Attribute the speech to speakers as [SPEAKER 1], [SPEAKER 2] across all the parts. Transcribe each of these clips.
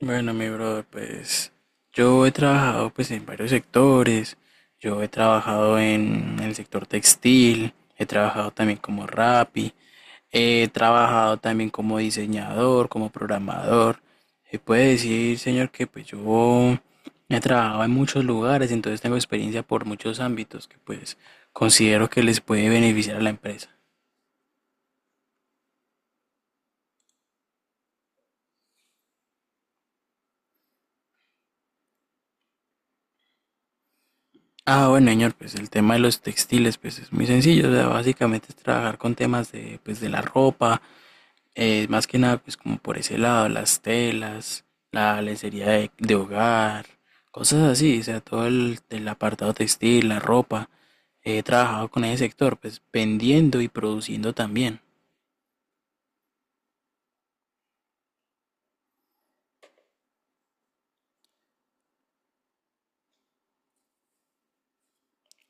[SPEAKER 1] Bueno, mi brother, pues yo he trabajado pues en varios sectores. Yo he trabajado en el sector textil, he trabajado también como Rappi, he trabajado también como diseñador, como programador. Se puede decir, señor, que pues yo he trabajado en muchos lugares, entonces tengo experiencia por muchos ámbitos que pues considero que les puede beneficiar a la empresa. Ah, bueno, señor, pues el tema de los textiles, pues es muy sencillo, o sea, básicamente es trabajar con temas de, pues, de la ropa. Más que nada, pues como por ese lado, las telas, la lencería de hogar, cosas así, o sea, todo el apartado textil, la ropa. He trabajado con ese sector, pues vendiendo y produciendo también.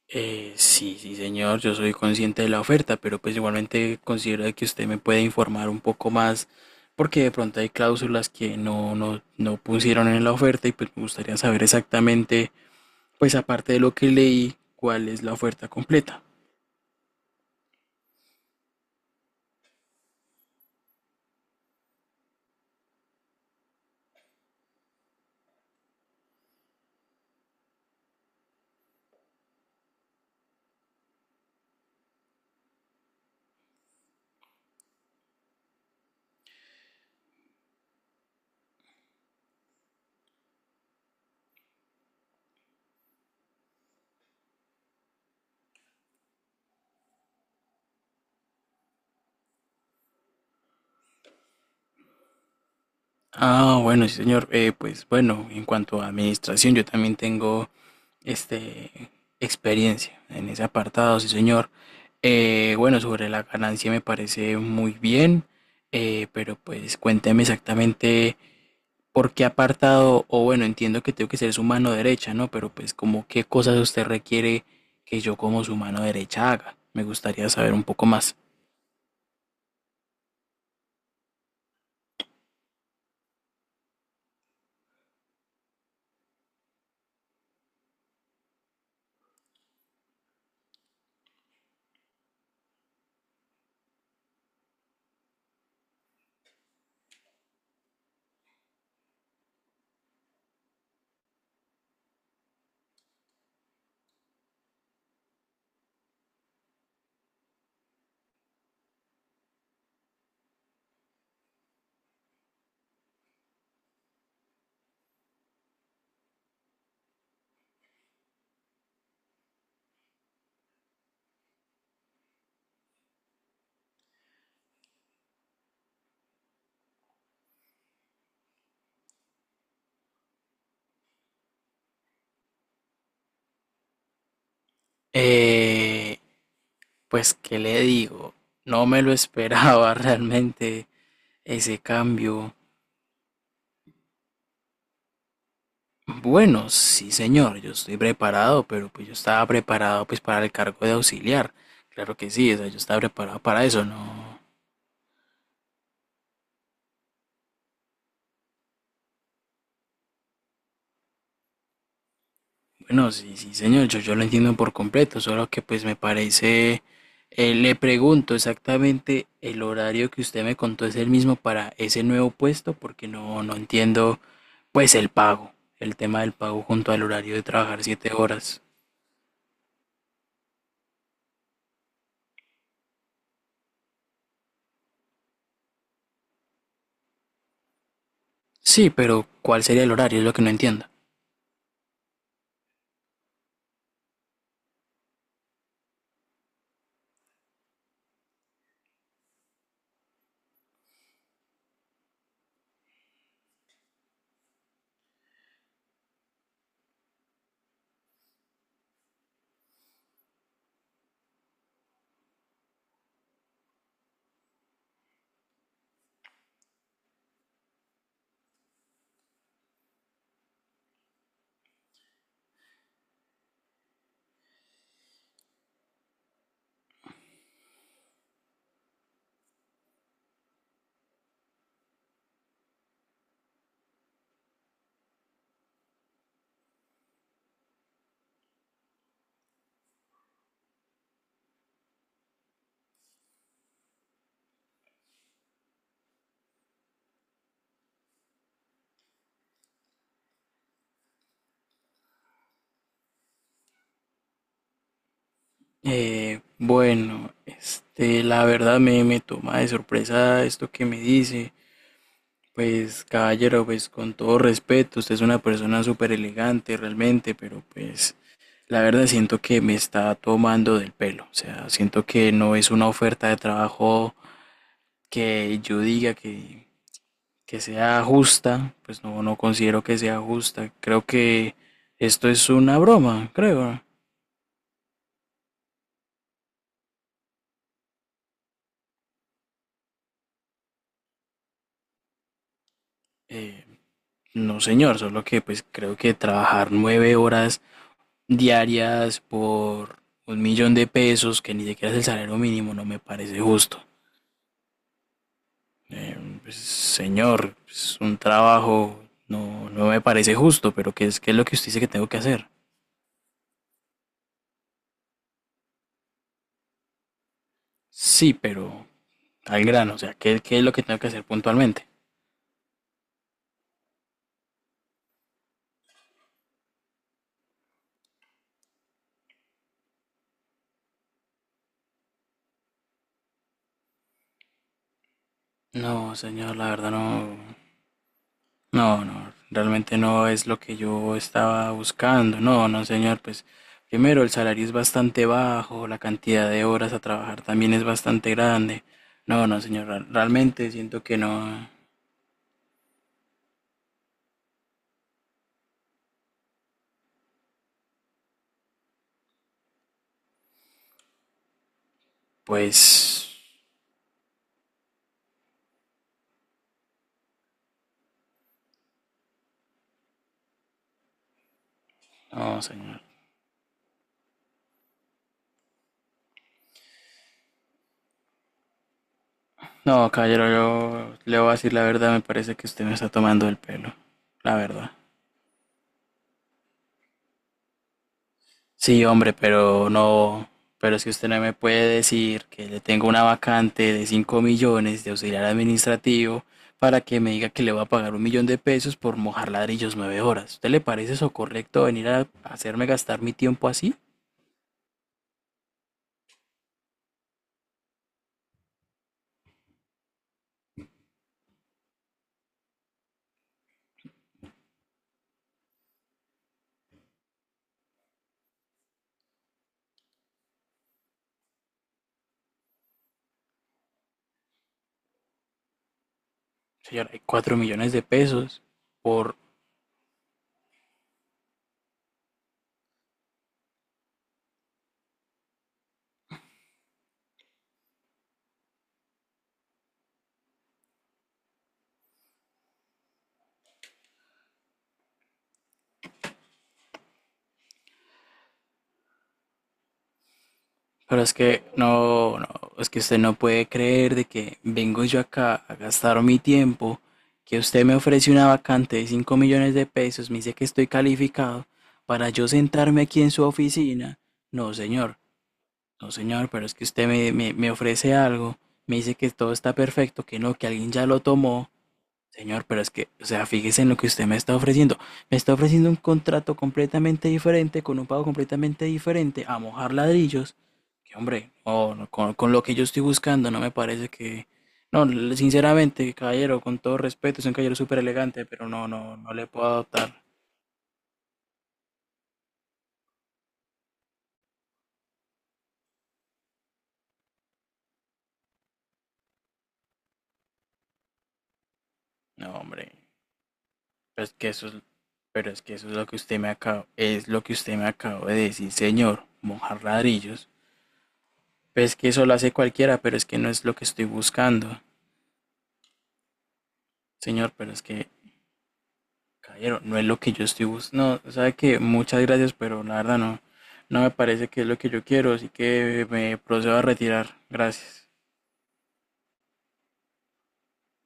[SPEAKER 1] Sí, sí, señor, yo soy consciente de la oferta, pero pues igualmente considero de que usted me puede informar un poco más, porque de pronto hay cláusulas que no pusieron en la oferta y pues me gustaría saber exactamente, pues aparte de lo que leí, cuál es la oferta completa. Ah, bueno, sí, señor. Pues bueno, en cuanto a administración, yo también tengo este experiencia en ese apartado, sí, señor. Bueno, sobre la ganancia me parece muy bien, pero pues cuénteme exactamente por qué apartado, o bueno, entiendo que tengo que ser su mano derecha, ¿no? Pero pues como qué cosas usted requiere que yo como su mano derecha haga. Me gustaría saber un poco más. Eh, pues, ¿qué le digo? No me lo esperaba realmente. Ese cambio, bueno, sí señor, yo estoy preparado, pero pues yo estaba preparado pues para el cargo de auxiliar. Claro que sí, o sea, yo estaba preparado para eso, no. Bueno, sí, sí señor, yo lo entiendo por completo, solo que pues me parece, le pregunto exactamente el horario que usted me contó es el mismo para ese nuevo puesto, porque no entiendo pues el pago, el tema del pago junto al horario de trabajar 7 horas. Sí, pero ¿cuál sería el horario? Es lo que no entiendo. Bueno, la verdad me toma de sorpresa esto que me dice. Pues, caballero, pues con todo respeto, usted es una persona súper elegante realmente, pero pues la verdad siento que me está tomando del pelo. O sea, siento que no es una oferta de trabajo que yo diga que sea justa. Pues no, no considero que sea justa. Creo que esto es una broma, creo. Eh, No, señor, solo que pues creo que trabajar 9 horas diarias por 1 millón de pesos, que ni siquiera es el salario mínimo, no me parece justo. Eh, pues, señor, es un trabajo no me parece justo, pero ¿qué es lo que usted dice que tengo que hacer? Sí, pero al grano, o sea, ¿qué es lo que tengo que hacer puntualmente? No, señor, la verdad no. No, no, realmente no es lo que yo estaba buscando. No, no, señor, pues primero el salario es bastante bajo, la cantidad de horas a trabajar también es bastante grande. No, no, señor, realmente siento que no, pues, no, señor. No, caballero, yo le voy a decir la verdad, me parece que usted me está tomando el pelo, la verdad. Sí, hombre, pero no, pero si usted no me puede decir que le tengo una vacante de 5 millones de auxiliar administrativo para que me diga que le va a pagar 1 millón de pesos por mojar ladrillos 9 horas. ¿Usted le parece eso correcto venir a hacerme gastar mi tiempo así? Señora, hay 4 millones de pesos. Pero es que no, no, es que usted no puede creer de que vengo yo acá a gastar mi tiempo, que usted me ofrece una vacante de 5 millones de pesos, me dice que estoy calificado para yo sentarme aquí en su oficina. No, señor, no, señor, pero es que usted me ofrece algo, me dice que todo está perfecto, que no, que alguien ya lo tomó. Señor, pero es que, o sea, fíjese en lo que usted me está ofreciendo. Me está ofreciendo un contrato completamente diferente, con un pago completamente diferente, a mojar ladrillos. Que hombre, no, no, con lo que yo estoy buscando, no me parece que... No, sinceramente, caballero, con todo respeto, es un caballero súper elegante, pero no le puedo adoptar. No, hombre, pero es que eso es, pero es que eso es lo que usted me acaba, es lo que usted me acabó de decir, señor, mojar ladrillos. Pues es que eso lo hace cualquiera, pero es que no es lo que estoy buscando. Señor, pero es que... Caballero, no es lo que yo estoy buscando. No, sabe que muchas gracias, pero la verdad no, no me parece que es lo que yo quiero, así que me procedo a retirar. Gracias.